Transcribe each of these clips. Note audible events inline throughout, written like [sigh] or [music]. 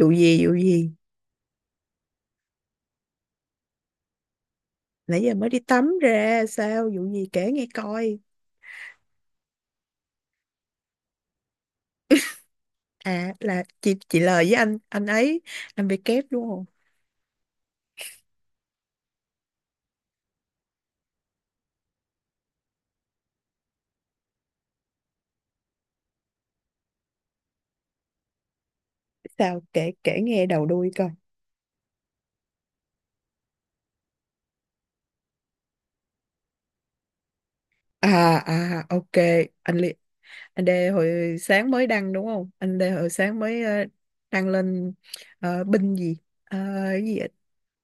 Vụ gì? Nãy giờ mới đi tắm ra. Sao? Vụ gì? Kể nghe coi. À, là chị lời với anh ấy. Anh bị kép đúng không? Sao? Kể kể nghe đầu đuôi coi. À, ok. anh Li- anh Đê hồi sáng mới đăng đúng không? Anh Đê hồi sáng mới ờ, đăng lên. Binh gì? Ờ, cái gì ạ?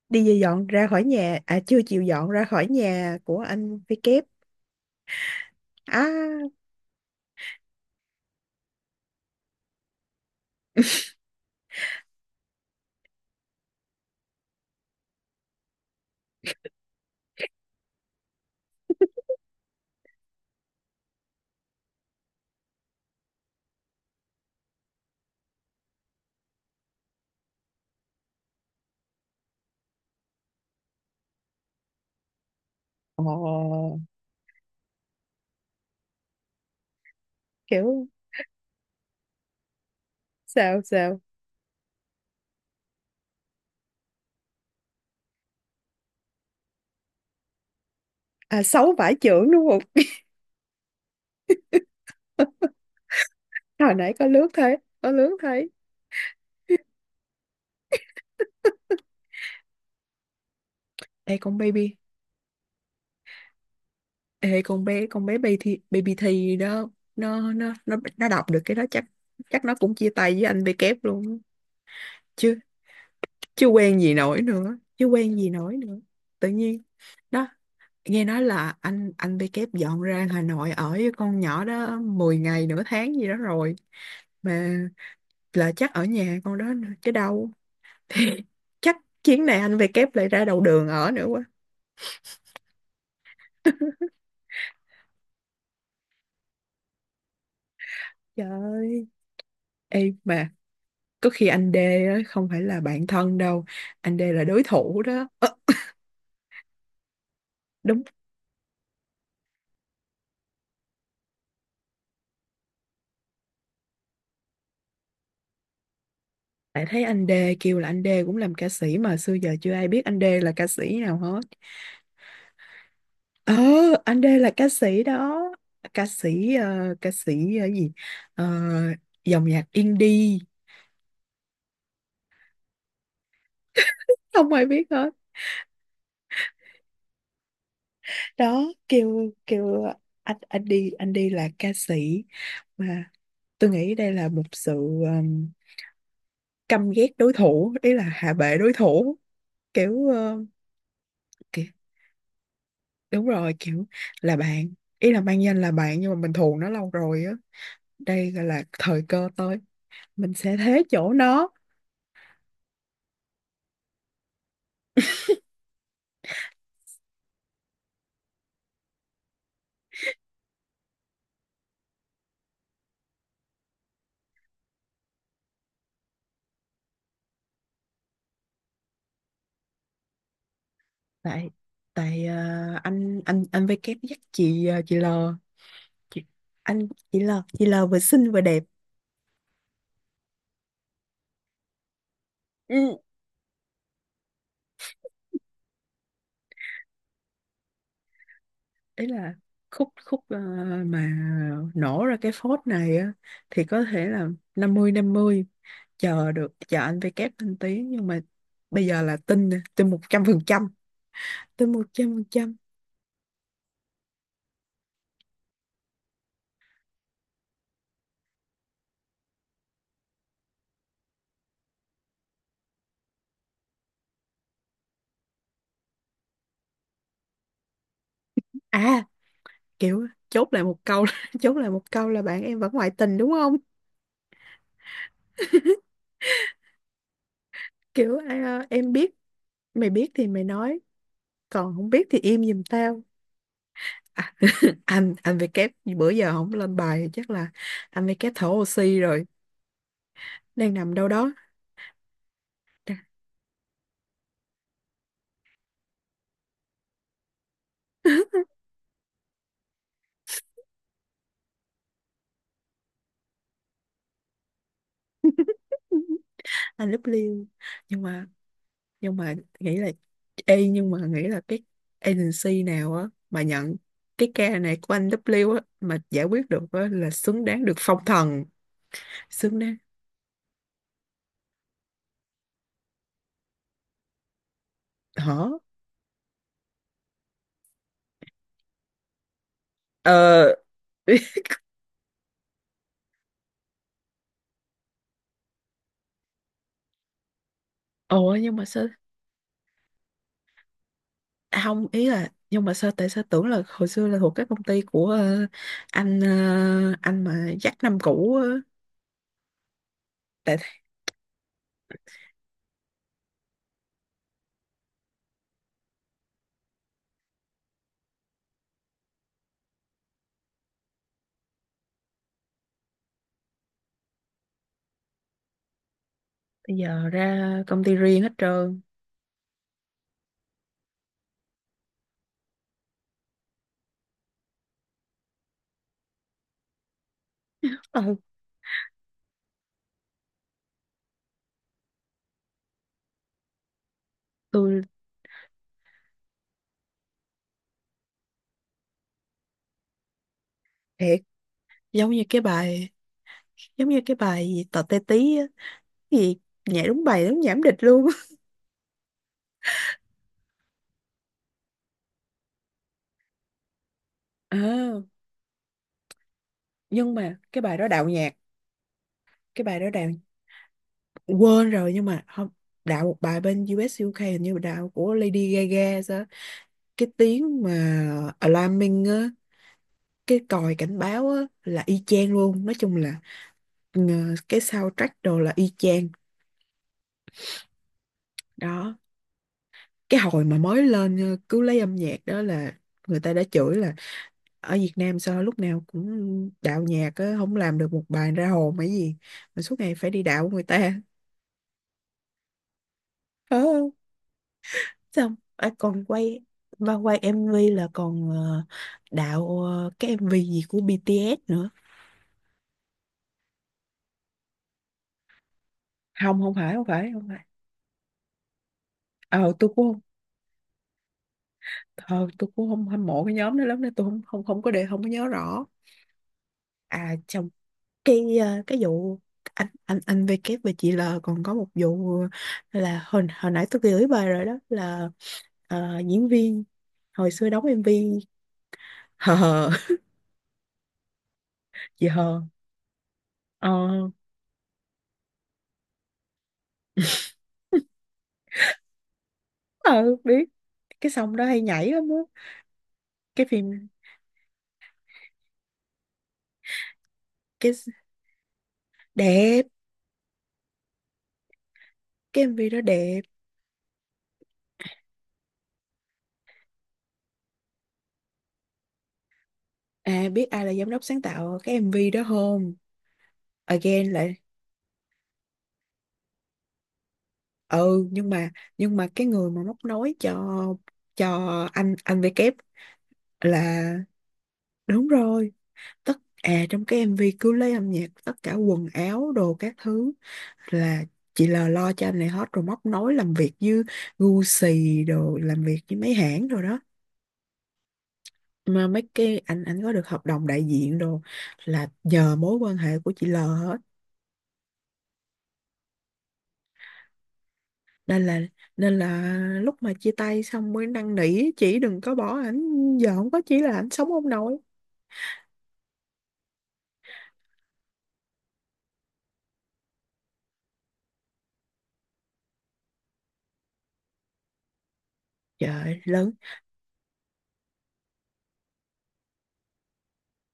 Đi về dọn ra khỏi nhà? À, chưa chịu dọn ra khỏi nhà của anh với kép. À. [laughs] Ồ. Kiểu. Sao sao? À, xấu vải chưởng đúng. Hồi nãy có lướt thấy. Ê, con baby. Ê con bé baby thì đó. Nó đọc được cái đó chắc. Chắc nó cũng chia tay với anh bê kép luôn á. Chứ chứ quen gì nổi nữa chứ quen gì nổi nữa Tự nhiên. Đó. Nghe nói là anh bê kép dọn ra Hà Nội ở với con nhỏ đó 10 ngày nửa tháng gì đó rồi. Mà là chắc ở nhà con đó nữa chứ đâu. [laughs] Thì chắc chuyến này anh bê kép lại ra đầu đường ở nữa quá. Trời ơi! Ê mà có khi anh D á, không phải là bạn thân đâu. Anh D là đối thủ đó. Ơ. Đúng. Lại thấy anh D kêu là anh D cũng làm ca sĩ. Mà xưa giờ chưa ai biết anh D là ca sĩ nào hết. Ờ, anh D là ca sĩ đó. Ca sĩ ca sĩ gì? Ờ, Dòng nhạc indie. Không ai biết hết. Đó. Kêu kêu anh anh đi là ca sĩ. Mà tôi nghĩ đây là một sự um, căm ghét đối thủ. Ý là hạ bệ đối thủ. Kiểu, kiểu, đúng rồi. Kiểu là bạn. Ý là mang danh là bạn nhưng mà mình thù nó lâu rồi á. Đây gọi là thời cơ tới. Mình sẽ thế chỗ nó. Tại tại ờ, anh với kép dắt chị chị L. Chị, anh chị L. Chị L vừa xinh vừa đẹp. Ừ. Ý là khúc khúc ờ, mà nổ ra cái phốt này á thì có thể là 50/50. Chờ được chờ anh với kép lên tiếng nhưng mà bây giờ là tin nè, tin 100%, tin 100%. À, kiểu chốt lại một câu là, [laughs] chốt lại một câu là bạn em vẫn ngoại tình đúng không? Kiểu à, em biết. Mày biết thì mày nói, còn không biết thì im giùm tao. À. [laughs] Anh về kép bữa giờ không lên bài chắc là anh về kép thở oxy rồi, đang nằm đâu đó. [laughs] Anh lúc liêu. Nhưng mà nhưng mà nghĩ là ê nhưng mà nghĩ là cái agency nào á mà nhận cái ca này của anh W á mà giải quyết được á là xứng đáng được phong thần. Xứng đáng. Hả? Ờ. [laughs] Ủa nhưng mà sao? À, không ý là nhưng mà sao? Tại sao tưởng là hồi xưa là thuộc cái công ty của anh anh mà dắt năm cũ á. Tại bây giờ ra công ty riêng hết trơn. Ờ, tôi thiệt giống như cái bài, giống như cái bài gì tò te tí á. Cái gì nhảy đúng bài đúng nhảm địch luôn. [laughs] À, nhưng mà cái bài đó đạo nhạc. Cái bài đó đạo, quên rồi nhưng mà không, đạo một bài bên U.S. u UK hình như đạo của Lady Gaga sao á. Cái tiếng mà alarming á, cái còi cảnh báo á là y chang luôn. Nói chung là ừ, cái soundtrack đồ là y chang. Đó, cái hồi mà mới lên cứ lấy âm nhạc đó là người ta đã chửi là ở Việt Nam sao lúc nào cũng đạo nhạc á, không làm được một bài ra hồn hay gì mà suốt ngày phải đi đạo người ta. ờ, Xong à, còn quay và quay MV là còn đạo cái MV gì của BTS nữa. Không, không phải, không phải, không phải. Ờ tôi cũng không. Ờ, tôi cũng không hâm mộ cái nhóm đó lắm nên tôi không không không có để không có nhớ rõ. À, trong cái cái vụ anh V K và chị L còn có một vụ là hồi hồi nãy tôi gửi bài rồi đó là diễn viên hồi xưa đóng MV. [laughs] Hờ hờ chị hờ. Ờ. [laughs] Ờ biết. Cái song đó hay nhảy lắm á. Cái phim, cái đẹp, cái MV đó đẹp. À, biết ai là giám đốc sáng tạo cái MV đó không? Again lại. Ừ nhưng mà cái người mà móc nối cho cho anh V kép là đúng rồi, tất. À, trong cái MV cứ lấy âm nhạc tất cả quần áo đồ các thứ là chị L lo cho anh này hết, rồi móc nối làm việc với Gucci đồ, làm việc với mấy hãng rồi đó mà mấy cái anh có được hợp đồng đại diện đồ là nhờ mối quan hệ của chị L hết. Nên là nên là lúc mà chia tay xong mới năn nỉ chị đừng có bỏ ảnh, giờ không có chỉ là ảnh sống không nổi. Trời ơi, lớn.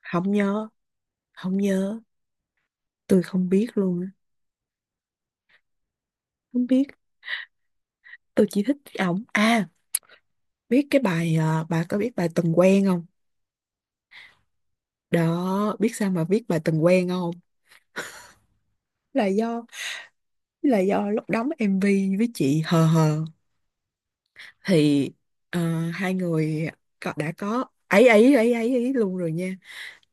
Không nhớ, không nhớ, tôi không biết luôn á. Không biết. Tôi chỉ thích ổng. À biết cái bài, à, bà có biết bài từng quen không? Đó, biết sao mà biết bài từng quen không? Là do là do lúc đóng MV với chị hờ hờ thì ờ, hai người đã có ấy ấy ấy ấy ấy luôn rồi nha.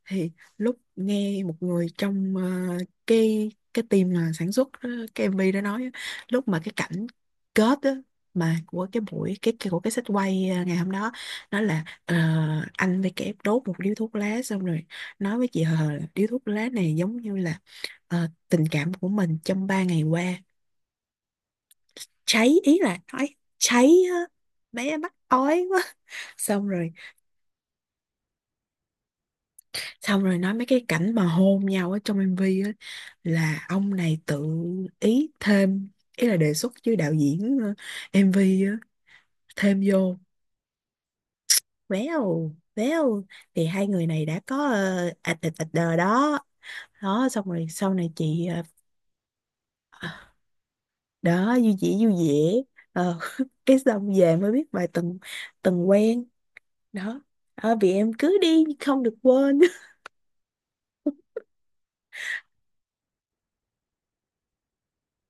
Thì lúc nghe một người trong cái team mà sản xuất cái MV đó nói á, lúc mà cái cảnh kết á, mà của cái buổi cái của cái set quay ngày hôm đó nói là anh với kẻ đốt một điếu thuốc lá xong rồi nói với chị Hờ là điếu thuốc lá này giống như là tình cảm của mình trong 3 ngày qua cháy, ý là nói cháy á, bé mắc ói quá. [laughs] Xong rồi, xong rồi nói mấy cái cảnh mà hôn nhau ở trong MV á là ông này tự ý thêm, ý là đề xuất với đạo diễn MV á, thêm vô véo véo thì hai người này đã có ạch ạch ạch đờ đó. Đó, xong rồi sau này chị đó vui vẻ vui vẻ. ờ, [laughs] cái xong về mới biết bài từng từng quen. Đó, vì em cứ đi không được quên.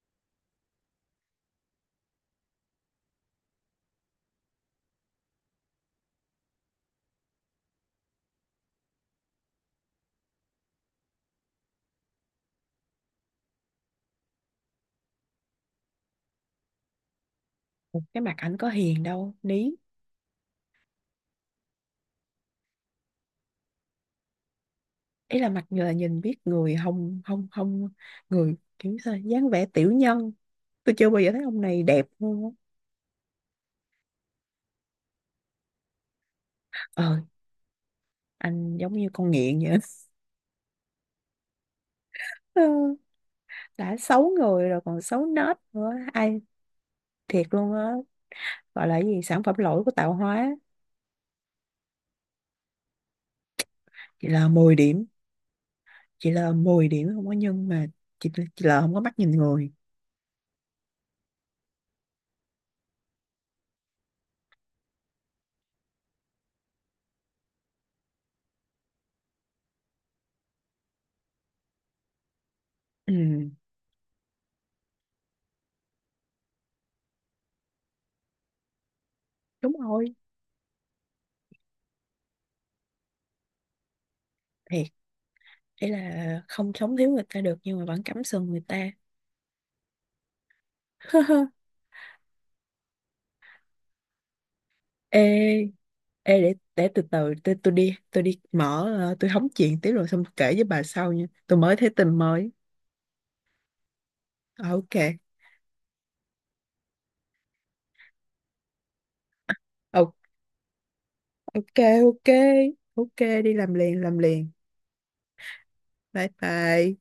[laughs] Cái mặt ảnh có hiền đâu ní. Ý là mặt người nhìn biết người, không không không người kiểu sao dáng vẻ tiểu nhân. Tôi chưa bao giờ thấy ông này đẹp luôn á. Ờ, anh giống như con nghiện vậy. Ừ. [laughs] Đã xấu người rồi còn xấu nết nữa, ai thiệt luôn á, gọi là cái gì sản phẩm lỗi của tạo hóa. Chị là 10 điểm, chị là 10 điểm không có nhân mà. chị, chị là không có mắt nhìn người. Ừ, đúng rồi, thiệt. Ý là không sống thiếu người ta được nhưng mà vẫn cắm sừng người ta. [laughs] Ê. Ê, để từ từ tôi tôi đi mở tôi hóng chuyện tiếp rồi xong kể với bà sau nha, tôi mới thấy tin mới. Ờ, ok. Ờ, ok. Ok ok ok đi làm liền, làm liền. Bye bye.